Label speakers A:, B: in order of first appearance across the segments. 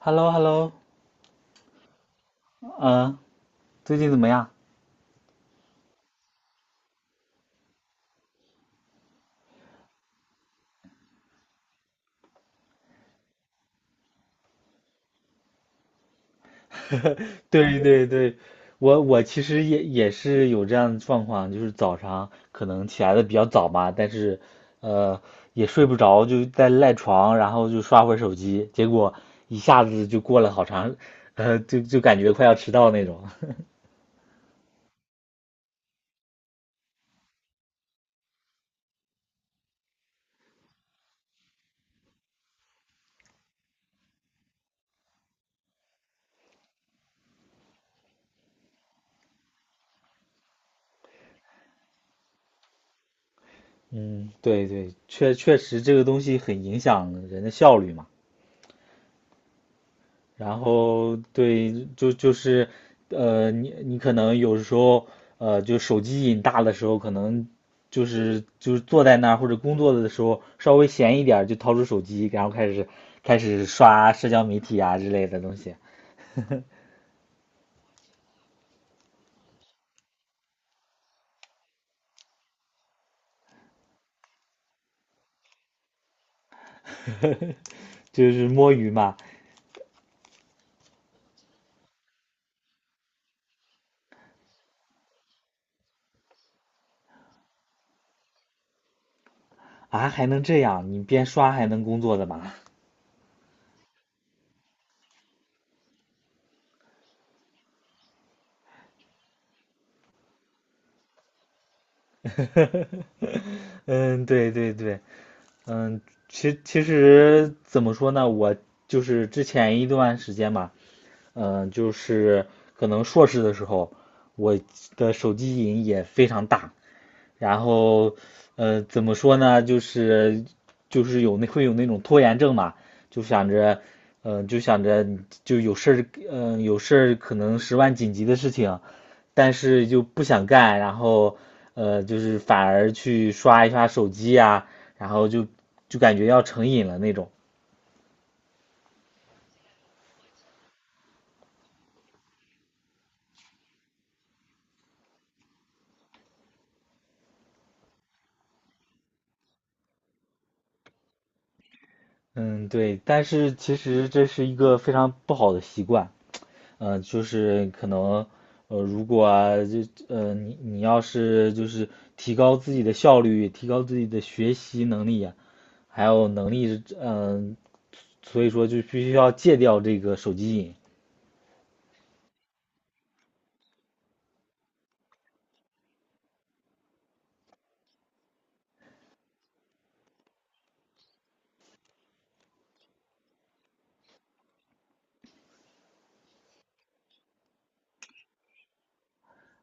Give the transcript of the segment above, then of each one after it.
A: h e l l o h e l l o 嗯，最近怎么样？对对对，我其实也是有这样的状况，就是早上可能起来的比较早嘛，但是呃也睡不着，就在赖床，然后就刷会儿手机，结果一下子就过了好长，就感觉快要迟到那种。嗯，对对，确实这个东西很影响人的效率嘛。然后对，就是，你可能有时候，就手机瘾大的时候，可能就是坐在那儿或者工作的时候，稍微闲一点儿就掏出手机，然后开始刷社交媒体啊之类的东西，就是摸鱼嘛。啊，还能这样？你边刷还能工作的嘛？呵呵呵嗯，对对对，嗯，其实怎么说呢，我就是之前一段时间吧，嗯，就是可能硕士的时候，我的手机瘾也非常大，然后，怎么说呢，就是有那会有那种拖延症嘛，就想着，嗯、就想着就有事儿，有事儿可能十万紧急的事情。但是就不想干，然后就是反而去刷一刷手机呀，然后就感觉要成瘾了那种。嗯，对，但是其实这是一个非常不好的习惯，嗯，就是可能，如果啊你要是就是提高自己的效率，提高自己的学习能力呀还有能力，所以说就必须要戒掉这个手机瘾。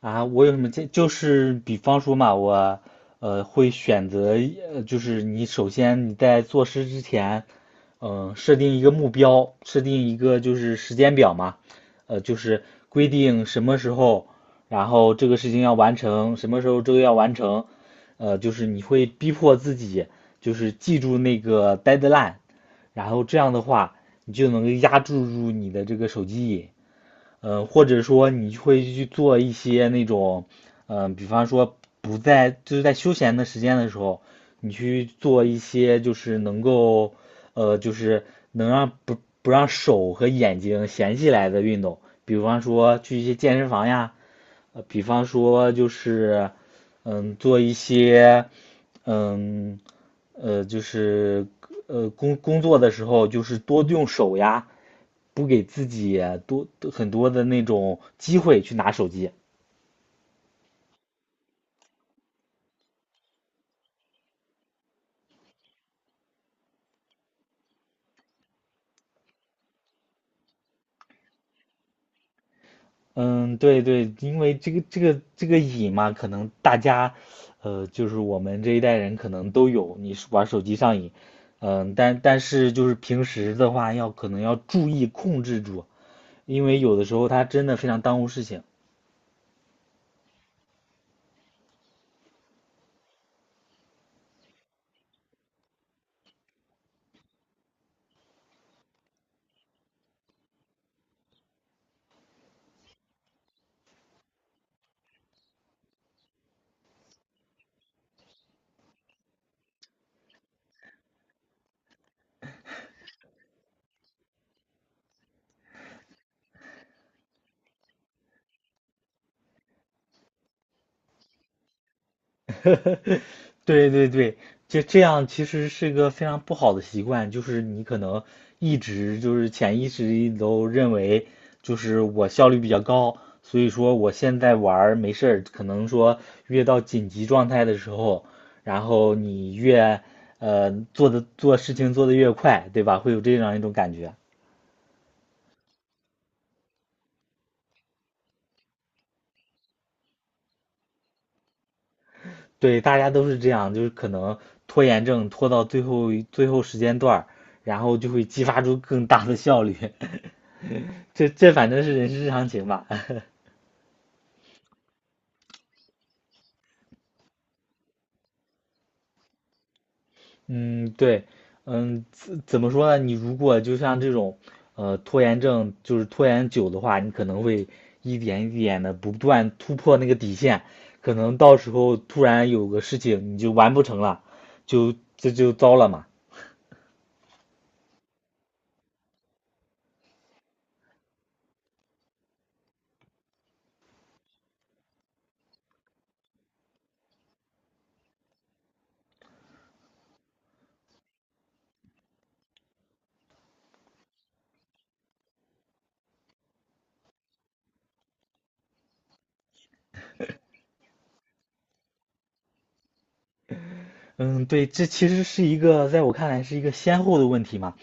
A: 啊，我有什么建议？就是比方说嘛，我会选择一呃，就是你首先你在做事之前，设定一个目标，设定一个就是时间表嘛，就是规定什么时候，然后这个事情要完成，什么时候这个要完成，就是你会逼迫自己，就是记住那个 deadline，然后这样的话，你就能够压制住你的这个手机瘾。嗯，或者说你会去做一些那种，比方说不在就是在休闲的时间的时候，你去做一些就是能够，就是能让不不让手和眼睛闲起来的运动，比方说去一些健身房呀，比方说就是，做一些，嗯，就是工作的时候就是多用手呀。不给自己很多的那种机会去拿手机。嗯，对对，因为这个瘾嘛，可能大家，就是我们这一代人可能都有，你是玩手机上瘾，嗯，但是就是平时的话可能要注意控制住，因为有的时候它真的非常耽误事情。对对对，就这样，其实是个非常不好的习惯，就是你可能一直就是潜意识里都认为，就是我效率比较高，所以说我现在玩儿没事儿，可能说越到紧急状态的时候，然后你越做事情做的越快，对吧？会有这样一种感觉。对，大家都是这样，就是可能拖延症拖到最后时间段儿然后就会激发出更大的效率。这反正是人之常情吧。嗯，对，嗯，怎么说呢？你如果就像这种，拖延症，就是拖延久的话，你可能会一点一点的不断突破那个底线，可能到时候突然有个事情你就完不成了，就这就糟了嘛。嗯，对，这其实是一个在我看来是一个先后的问题嘛。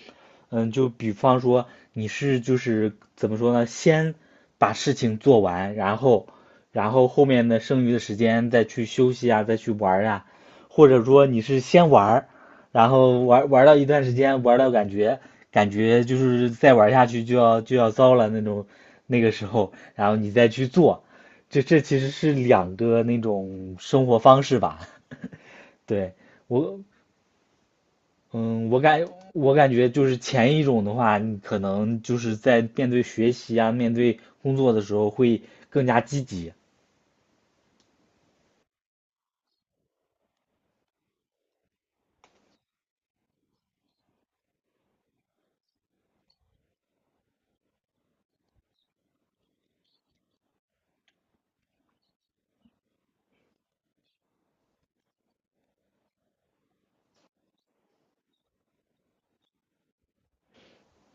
A: 嗯，就比方说你是就是怎么说呢？先把事情做完，然后，后面的剩余的时间再去休息啊，再去玩儿啊，或者说你是先玩儿，然后玩到一段时间，玩到感觉就是再玩下去就要糟了那种那个时候，然后你再去做，这其实是两个那种生活方式吧？对，我嗯，我感我感觉就是前一种的话，你可能就是在面对学习啊，面对工作的时候会更加积极。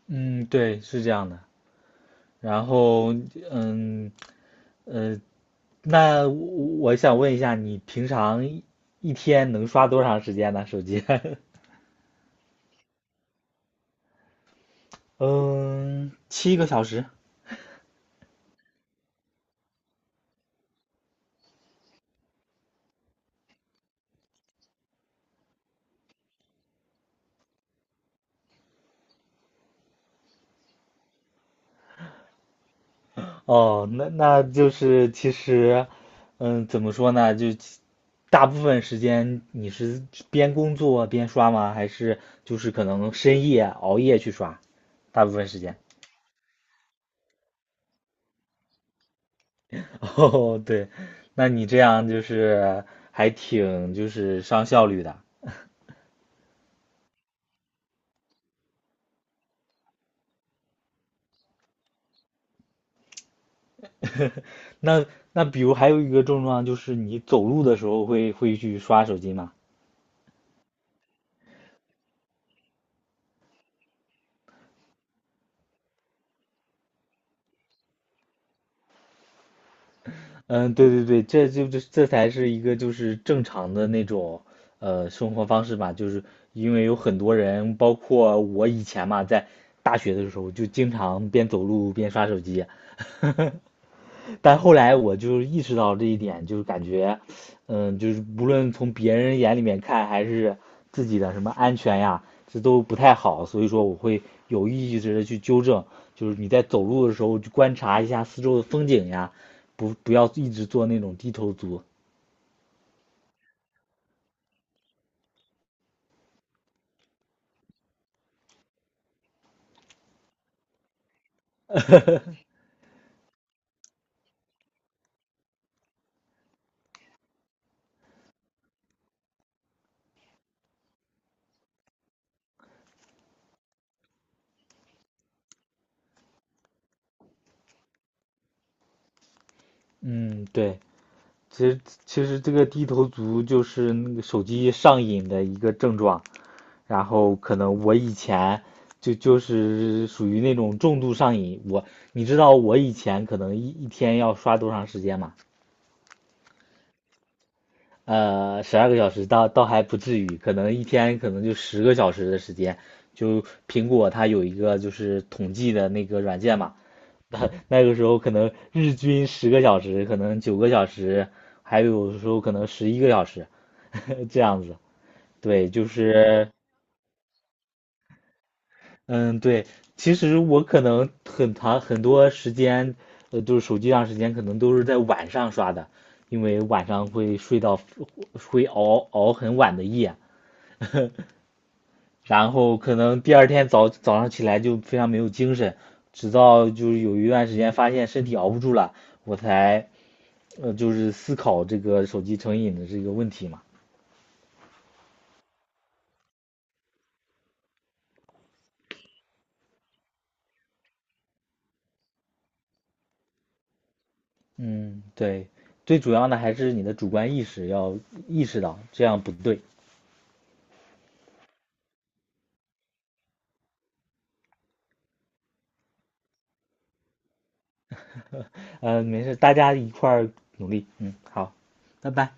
A: 嗯，对，是这样的。然后，嗯，呃，那我想问一下，你平常一天能刷多长时间呢？手机？嗯，7个小时。哦，那就是其实，嗯，怎么说呢？大部分时间你是边工作边刷吗？还是就是可能深夜熬夜去刷？大部分时间。哦，对，那你这样就是还挺就是上效率的。那那比如还有一个症状就是你走路的时候会去刷手机吗？嗯，对对对，这就这这才是一个就是正常的那种生活方式吧，就是因为有很多人，包括我以前嘛，在大学的时候就经常边走路边刷手机，但后来我就意识到这一点，就是感觉，嗯，就是无论从别人眼里面看，还是自己的什么安全呀，这都不太好。所以说，我会有意识的去纠正，就是你在走路的时候去观察一下四周的风景呀，不要一直做那种低头族。嗯，对。其实其实这个低头族就是那个手机上瘾的一个症状，然后可能我以前就是属于那种重度上瘾，你知道我以前可能一天要刷多长时间吗？12个小时倒还不至于，可能一天可能就十个小时的时间，就苹果它有一个就是统计的那个软件嘛，那个时候可能日均十个小时，可能9个小时，还有的时候可能11个小时，这样子。对，就是，嗯，对。其实我可能很多时间，就是手机上时间可能都是在晚上刷的，因为晚上会睡到会熬很晚的夜，然后可能第二天早上起来就非常没有精神，直到就是有一段时间发现身体熬不住了，我才。就是思考这个手机成瘾的这个问题嘛。嗯，对，最主要的还是你的主观意识要意识到这样不对。没事，大家一块儿努力。嗯，好，拜拜。